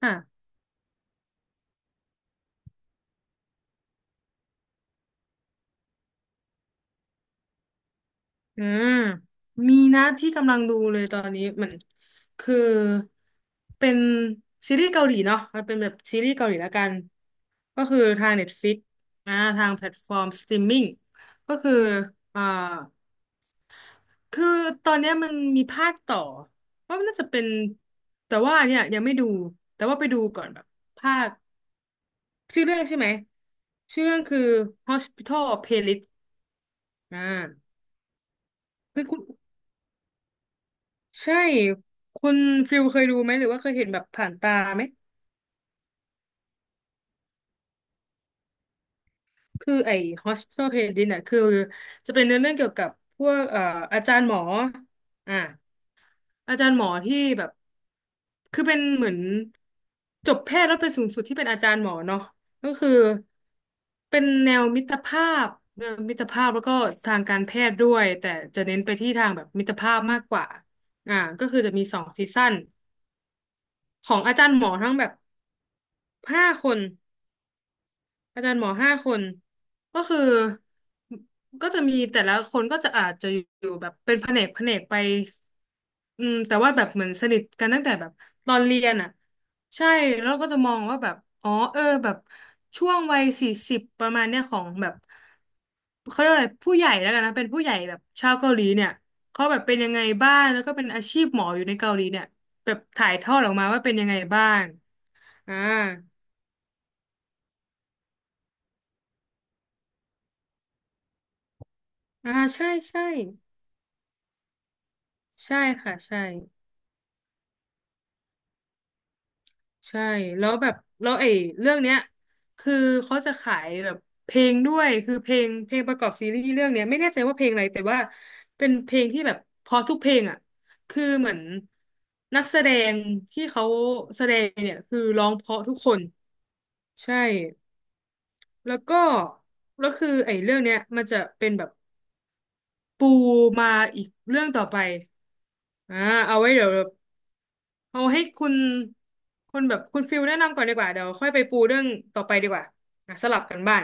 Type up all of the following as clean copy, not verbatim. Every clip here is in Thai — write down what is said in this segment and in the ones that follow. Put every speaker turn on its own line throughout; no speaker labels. ค่ะอืมมีนะที่กำลังดูเลยตอนนี้เหมือนคือเป็นซีรีส์เกาหลีเนาะมันเป็นแบบซีรีส์เกาหลีละกันก็คือทาง Netflix อ่าทางแพลตฟอร์มสตรีมมิ่งก็คืออ่าคือตอนเนี้ยมันมีภาคต่อว่ามันน่าจะเป็นแต่ว่าเนี่ยยังไม่ดูแต่ว่าไปดูก่อนแบบภาคชื่อเรื่องใช่ไหมชื่อเรื่องคือ Hospital Playlist อ่าคือคุณ ใช่คุณฟิลเคยดูไหมหรือว่าเคยเห็นแบบผ่านตาไหมคือไอ้ Hospital Playlist น่ะคือจะเป็นเนื้อเรื่องเกี่ยวกับพวกอาจารย์หมออ่าอาจารย์หมอที่แบบคือเป็นเหมือนจบแพทย์แล้วไปสูงสุดที่เป็นอาจารย์หมอเนาะก็คือเป็นแนวมิตรภาพแนวมิตรภาพแล้วก็ทางการแพทย์ด้วยแต่จะเน้นไปที่ทางแบบมิตรภาพมากกว่าอ่าก็คือจะมีสองซีซั่นของอาจารย์หมอทั้งแบบห้าคน อาจารย์หมอ5 คนก็คือก็จะมีแต่ละคนก็จะอาจจะอยู่แบบเป็นแผนกไปอืมแต่ว่าแบบเหมือนสนิทกันตั้งแต่แบบตอนเรียนอ่ะใช่แล้วก็จะมองว่าแบบอ๋อเออแบบช่วงวัย40ประมาณเนี้ยของแบบเขาเรียกว่าอะไรผู้ใหญ่แล้วกันนะเป็นผู้ใหญ่แบบชาวเกาหลีเนี่ยเขาแบบเป็นยังไงบ้างแล้วก็เป็นอาชีพหมออยู่ในเกาหลีเนี่ยแบบถ่ายทอดออกมาว่าเป็นยังไงบ้างอ่าอ่าใช่ใช่ค่ะใช่ ใช่แล้วแบบแล้วไอ้เรื่องเนี้ยคือเขาจะขายแบบเพลงด้วยคือเพลงประกอบซีรีส์เรื่องเนี้ยไม่แน่ใจว่าเพลงอะไรแต่ว่าเป็นเพลงที่แบบเพอทุกเพลงอ่ะคือเหมือนนักแสดงที่เขาแสดงเนี่ยคือร้องเพราะทุกคนใช่แล้วก็แล้วคือไอ้เรื่องเนี้ยมันจะเป็นแบบปูมาอีกเรื่องต่อไปอ่าเอาไว้เดี๋ยว เอาให้คุณคุณแบบคุณฟิลแนะนำก่อนดีกว่าเดี๋ยวค่อยไปปูเรื่องต่อไปดีกว่าอ่ะสลับกันบ้าง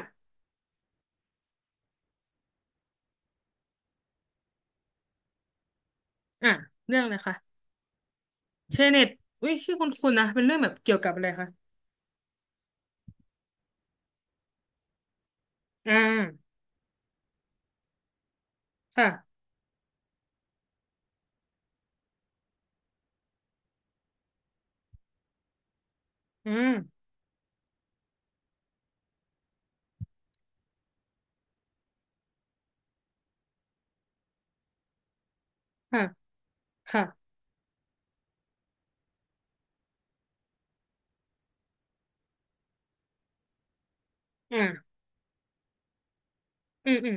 อ่ะเรื่องอะไรคะเชเน็ตอุ้ยชื่อคุณนะเป็นเรื่องแบบเกี่ยวกับอะไรคะอ่าค่ะอืมค่ะค่ะอ่าอืมอืม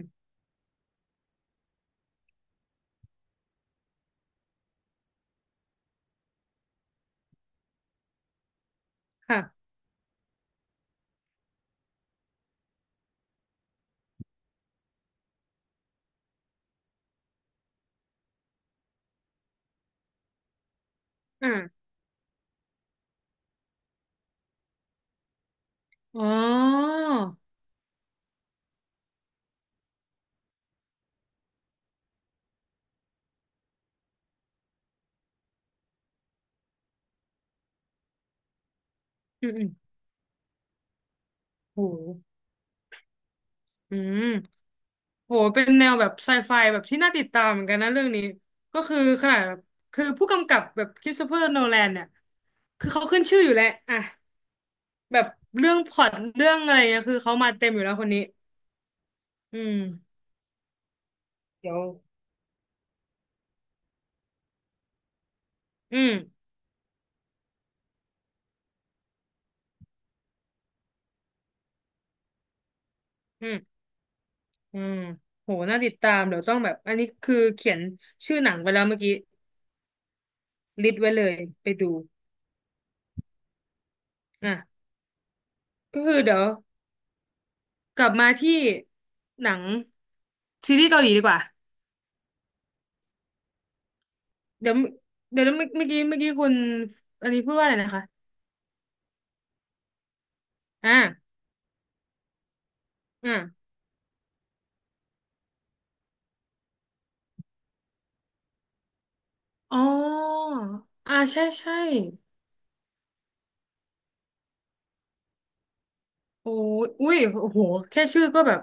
ค่ะอ่าอ๋ออืมอืมโหอืมโหเป็นแนวแบบไซไฟแบบที่น่าติดตามเหมือนกันนะเรื่องนี้ก็คือขนาดแบบคือผู้กำกับแบบคริสโตเฟอร์โนแลนเนี่ยคือเขาขึ้นชื่ออยู่แล้วอ่ะ แบบเรื่องพล็อตเรื่องอะไรเนี่ยคือเขามาเต็มอยู่แล้วคนนี้อืมเดี๋ยวอืมอืมอืมโหน่าติดตามเดี๋ยวต้องแบบอันนี้คือเขียนชื่อหนังไปแล้วเมื่อกี้ลิสต์ไว้เลยไปดูอ่ะก็คือเดี๋ยวกลับมาที่หนังซีรีส์เกาหลีดีกว่าเดี๋ยวเดี๋ยวเมื่อกี้คุณอันนี้พูดว่าอะไรนะคะอ่าอ่าอ๋ออ่าใช่ โอ้ยอุ้ยโอ้โหแค่ชื่อก็แบบ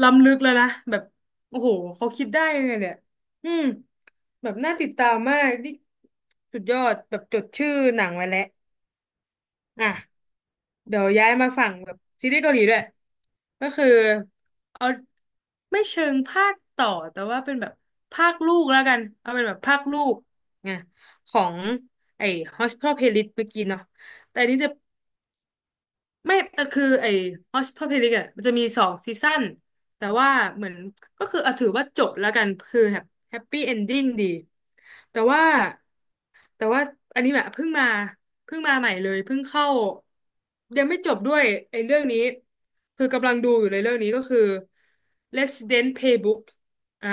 ล้ำลึกแล้วนะ แบบโอ้โห เขาคิดได้ยังไงเนี่ยอืมแบบน่าติดตามมากนี่สุดยอดแบบจดชื่อหนังไว้แล้วอ่ะเดี๋ยวย้ายมาฝั่งแบบซีรีส์เกาหลีด้วย ก็คือเอาไม่เชิงภาคต่อแต่ว่าเป็นแบบภาคลูกแล้วกัน เอาเป็นแบบภาคลูกไงของไอ้ Hospital Playlist เมื่อกี้เนาะแต่อันนี้จะ ไม่แต่คือไอ้ Hospital อ่ะมันจะมีสองซีซั่นแต่ว่าเหมือนก็คือเอาถือว่าจบแล้วกันคือแบบแฮปปี้เอนดิ้งดีแต่ว่าแต่ว่าอันนี้แบบเพิ่งมาเพิ่งมาใหม่เลยเพิ่งเข้ายังไม่จบด้วยไอ้เรื่องนี้คือกำลังดูอยู่เลยเรื่องนี้ก็คือ Resident Playbook อ่า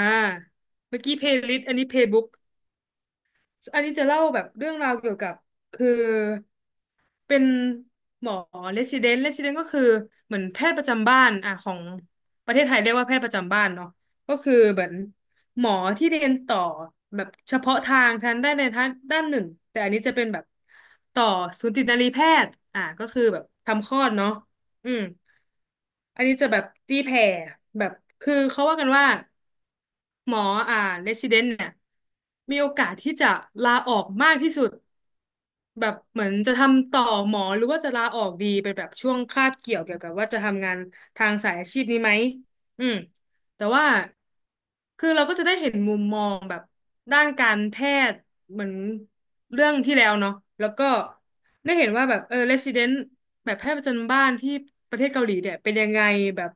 เมื่อกี้ Playlist อันนี้ Playbook อันนี้จะเล่าแบบเรื่องราวเกี่ยวกับคือเป็นหมอเ e ส i เดนต์เรส d ิเดนต์ก็คือเหมือนแพทย์ประจำบ้านอ่ะของประเทศไทยเรียกว่าแพทย์ประจำบ้านเนาะก็คือเหมือนหมอที่เรียนต่อแบบเฉพาะทางทางด้านใดทางด้านหนึ่งแต่อันนี้จะเป็นแบบต่อสูตินรีแพทย์อ่ะก็คือแบบทำคลอดเนาะอืมอันนี้จะแบบตีแผ่แบบคือเขาว่ากันว่า หมออ่าเรซิเดนต์เนี่ยมีโอกาสที่จะลาออกมากที่สุดแบบเหมือนจะทำต่อหมอหรือว่าจะลาออกดีเป็นแบบช่วงคาบเกี่ยวกับว่าจะทำงานทางสายอาชีพนี้ไหมอืมแต่ว่าคือเราก็จะได้เห็นมุมมองแบบด้านการแพทย์เหมือนเรื่องที่แล้วเนาะแล้วก็ได้เห็นว่าแบบเออเรซิเดนต์แบบแพทย์ประจำบ้านที่ประเทศเกาหลีเนี่ยเป็นยังไงแบบ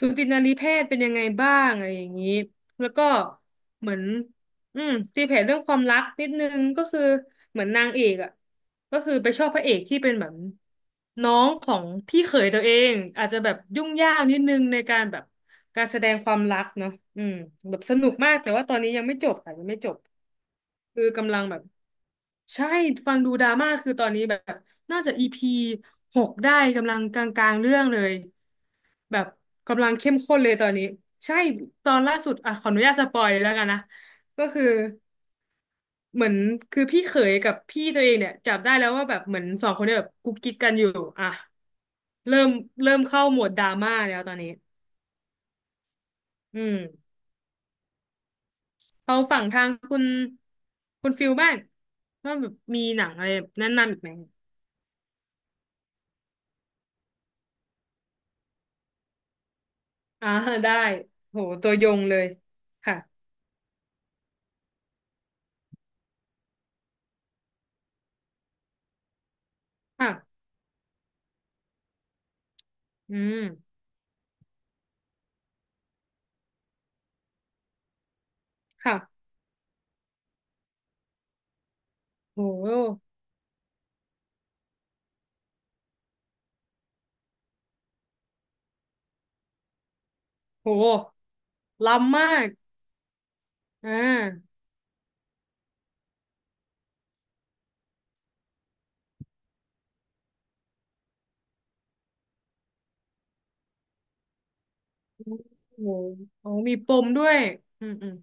สูตินรีแพทย์เป็นยังไงบ้างอะไรอย่างนี้ แล้วก็เหมือนอืมตีแผ่เรื่องความรักนิดนึงก็คือเหมือนนางเอกอ่ะก็คือไปชอบพระเอกที่เป็นแบบน้องของพี่เขยตัวเองอาจจะแบบยุ่งยากนิดนึงในการแบบการแสดงความรักเนาะอืมแบบสนุกมากแต่ว่าตอนนี้ยังไม่จบค่ะยังไม่จบคือกำลังแบบ ใช่ฟังดูดราม่าคือตอนนี้แบบน่าจะอีพี6ได้กำลังกลางๆเรื่องเลยแบบกำลังเข้มข้นเลยตอนนี้ใช่ตอนล่าสุดอ่ะขออนุญาตสปอยเลยแล้วกันนะก็คือเหมือนคือพี่เขยกับพี่ตัวเองเนี่ยจับได้แล้วว่าแบบเหมือนสองคนเนี่ยแบบกุ๊กกิ๊กกันอยู่อ่ะเริ่มเริ่มเข้าโหมดดราม่าแล้วตอนนี้อืมเอาฝั่งทางคุณคุณฟิลบ้างว่าแบบมีหนังอะไรแนะนำอีกไหม อ่าได้โหตัวยงเลยค่ะค่ะอืมค่ะโหโหล้ำมากอ่าโหโหมีปมด้วยอืมอืม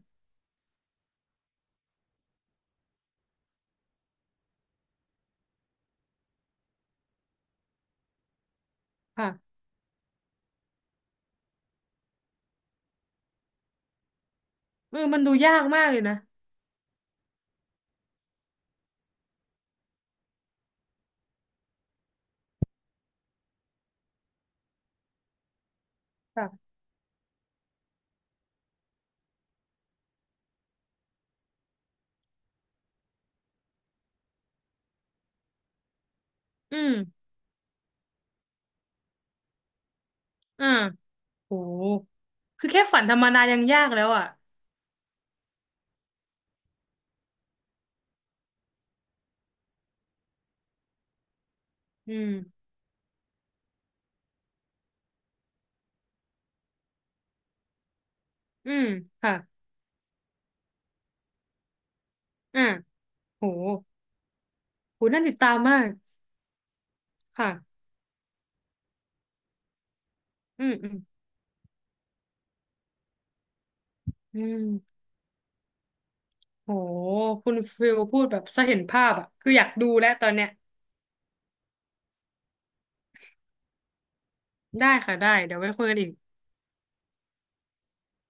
ค่ะเออมันดูยากมากเลยนะค่ะอืมอ่าโหคือแค่ฝันธรรมดายังยากแล้วอ่ะอืมอืมค่ะอ่าโหโหน่าติดตามมากค่ะอืมอืมอืมโหคุณฟิลพูดแบบสะเห็นภาพอ่ะคืออยากดูแล้วตอนเนี้ย ได้ค่ะได้เดี๋ยวไว้คุยกันอีก